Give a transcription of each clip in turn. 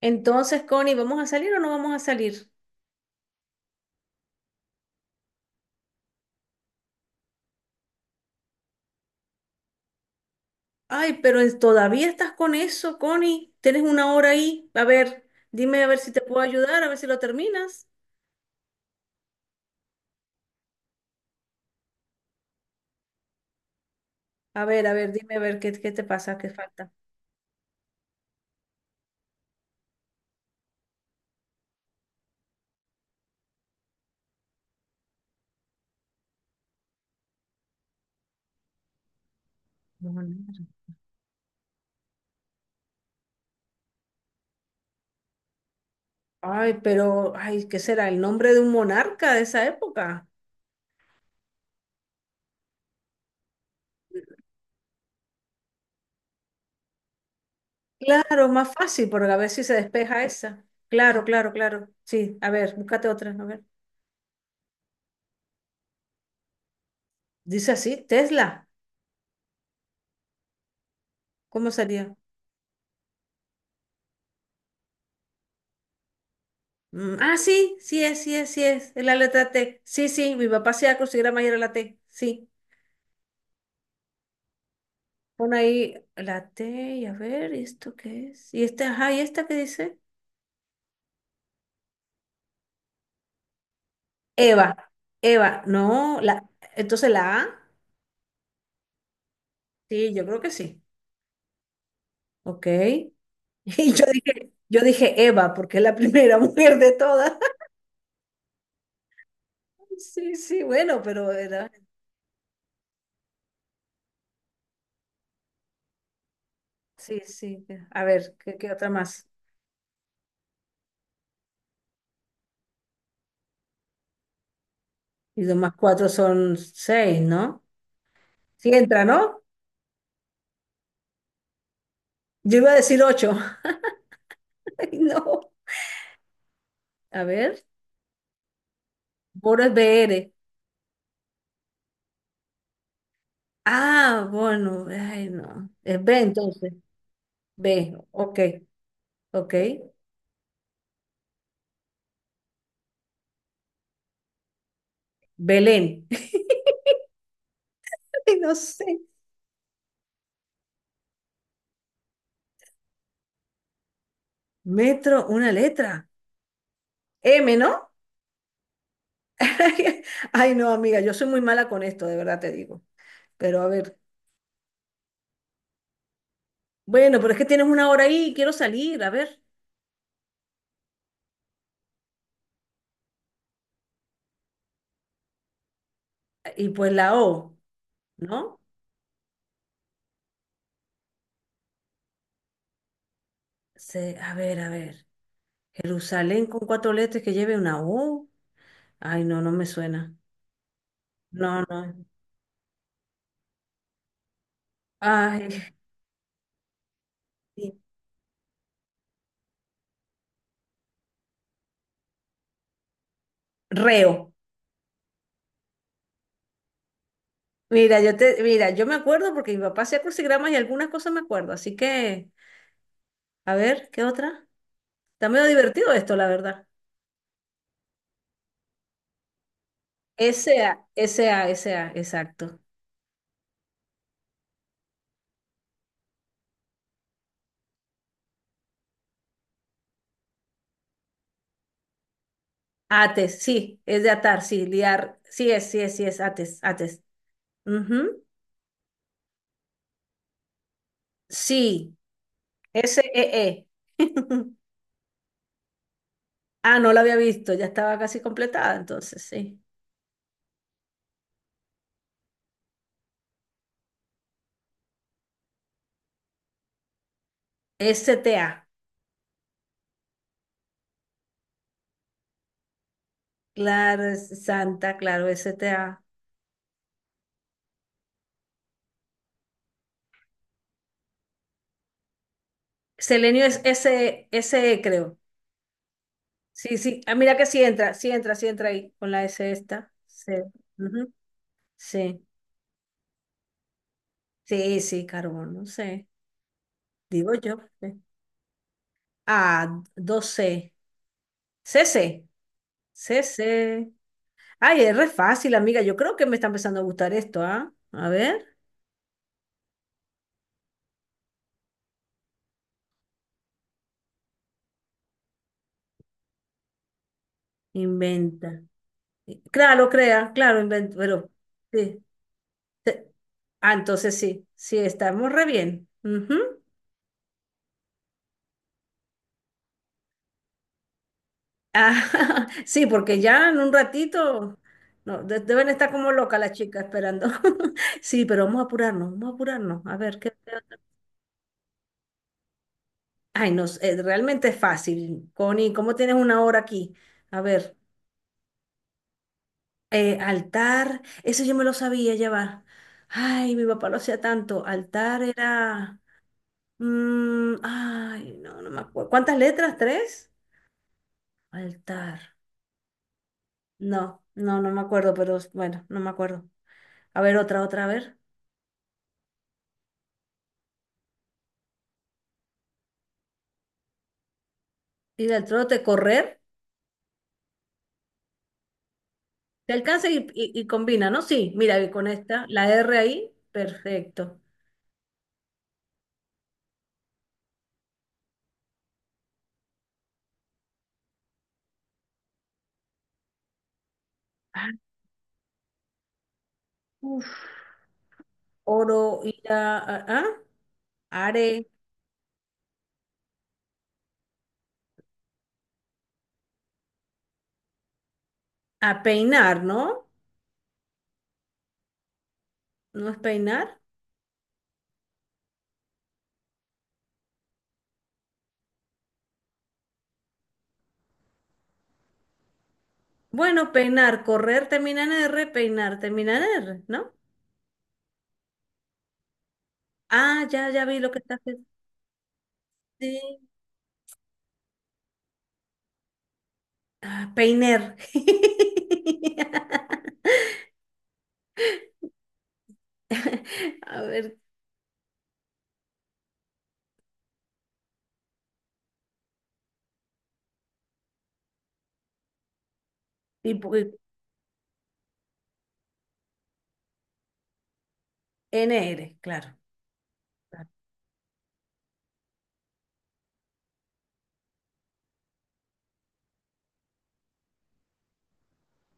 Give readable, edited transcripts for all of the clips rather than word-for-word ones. Entonces, Connie, ¿vamos a salir o no vamos a salir? Ay, pero es- todavía estás con eso, Connie. Tienes una hora ahí. A ver, dime a ver si te puedo ayudar, a ver si lo terminas. A ver, dime a ver qué te pasa, qué falta. Monarca. Ay, pero, ay, ¿qué será? ¿El nombre de un monarca de esa época? Claro, más fácil, porque a ver si se despeja esa. Claro, claro, claro. Sí, a ver, búscate otra, a ver. Dice así, Tesla. ¿Cómo sería? Mm, ah, sí, sí es, sí es, sí es. Es la letra T. Sí, sí, mi papá se acostumbraba a ir a la T. Sí. Pon ahí la T y a ver, ¿y esto qué es? ¿Y esta, ajá, ¿y esta qué dice? Eva. Eva. No, la, entonces la A. Sí, yo creo que sí. Ok. Y yo dije Eva, porque es la primera mujer de todas. Sí, sí, bueno, pero era. Sí, sí. A ver, ¿qué otra más? Y dos más cuatro son seis, ¿no? Sí entra, ¿no? Yo iba a decir ocho. No. A ver, Bora es BR. Ah, bueno, ay, no. Es B entonces. B, ok, ok. Belén. Ay, no sé. Metro, una letra. M, ¿no? Ay, no, amiga, yo soy muy mala con esto, de verdad te digo. Pero a ver. Bueno, pero es que tienes una hora ahí y quiero salir, a ver. Y pues la O, ¿no? Se- a ver, a ver. Jerusalén con cuatro letras que lleve una O. Ay, no, no me suena. No, no. Ay. Reo. Mira, yo te, mira, yo me acuerdo porque mi papá hacía crucigramas y algunas cosas me acuerdo. Así que, a ver, ¿qué otra? Está medio divertido esto, la verdad. S, s a s a, exacto. Ates, sí, es de atar, sí, liar. Sí es, sí es, sí es, ates, ates. Ujú. Sí, e. Ah, no la había visto, ya estaba casi completada, entonces, sí. S t a. Claro, es Santa, claro, s t a. Selenio es S, E, s e creo. Sí, sí. Ah, mira que sí entra, sí entra, sí entra ahí con la S esta. Sí. Ujú. Sí, sí, carbono, sí. Digo yo. Sí. Ah, dos C, CC. CC. Ay, es re fácil, amiga. Yo creo que me está empezando a gustar esto, ¿ah? A ver. Inventa. Claro, crea, claro, inventa. Pero, sí. Te- ah, entonces sí, sí, estamos re bien. Ujú. Ah, sí, porque ya en un ratito no, de- deben estar como locas las chicas esperando. Sí, pero vamos a apurarnos, vamos a apurarnos. A ver, ¿qué? Ay, no, realmente es fácil. Connie, ¿cómo tienes una hora aquí? A ver, altar, eso yo me lo sabía llevar. Ay, mi papá lo hacía tanto. Altar era... Mm, ay, no, no me acuerdo. ¿Cuántas letras? ¿Tres? Altar. No, no, no me acuerdo, pero bueno, no me acuerdo. A ver, otra, otra, a ver. Ir al trote, correr. Te alcanza y combina, ¿no? Sí, mira, y con esta, la R ahí, perfecto. Ah, uf. Oro, ir a- are, a peinar, ¿no? ¿No es peinar? Bueno, peinar, correr termina en R, peinar termina en R, ¿no? Ah, ya, ya vi lo que estás haciendo. Sí. Ah, peiner. A ver, tipo NR, claro. Claro.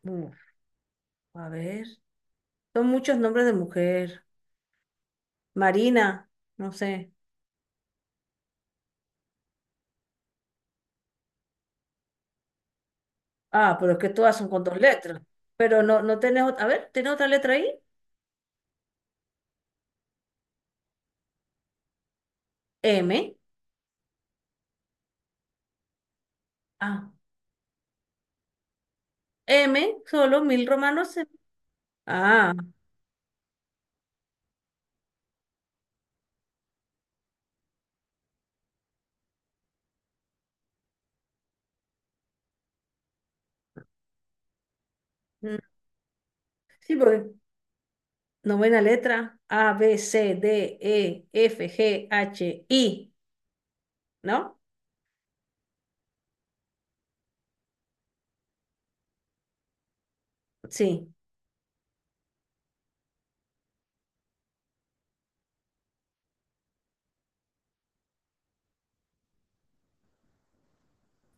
Uf, a ver, son muchos nombres de mujer. Marina, no sé. Ah, pero es que todas son con dos letras. Pero no, no tenés otra. A ver, ¿tenés otra letra ahí? M. Ah, M, solo mil romanos. Eh. Ah, mm, sí, porque novena letra. A, B, C, D, E, F, G, H, I, ¿no? Sí.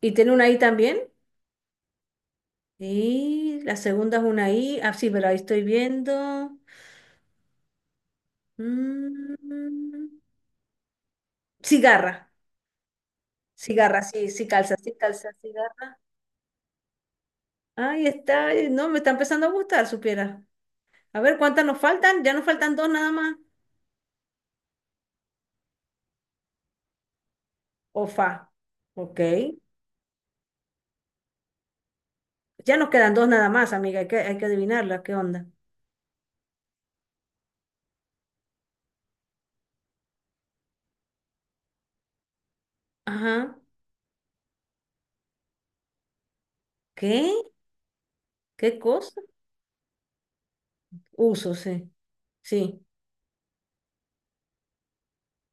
¿Y tiene una I también? Y la segunda es una I. Ah, sí, pero ahí estoy viendo. Mm, cigarra. Cigarra, sí, sí calza, cigarra. Ahí está, no, me está empezando a gustar, supiera. A ver, ¿cuántas nos faltan? Ya nos faltan dos nada más. Ofa, fa. Ok. Ya nos quedan dos nada más, amiga. Hay que adivinarla. ¿Qué onda? Ajá. ¿Qué? ¿Qué cosa? Uso, sí. Sí.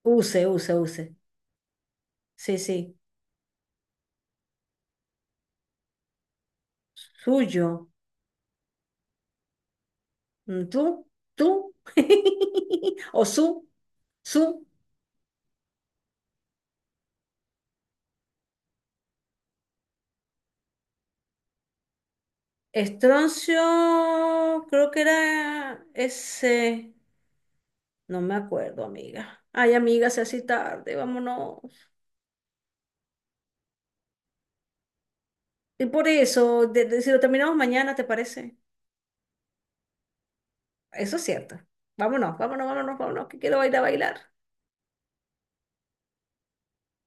Use, use, use. Sí, sí. Suyo. Mm, tú, tú. O su, su. Estroncio, creo que era ese. No me acuerdo, amiga. Ay, amiga, se hace tarde, vámonos. Y por eso, de- si lo terminamos mañana, ¿te parece? Eso es cierto. Vámonos, vámonos, vámonos, vámonos, que quiero bailar, bailar.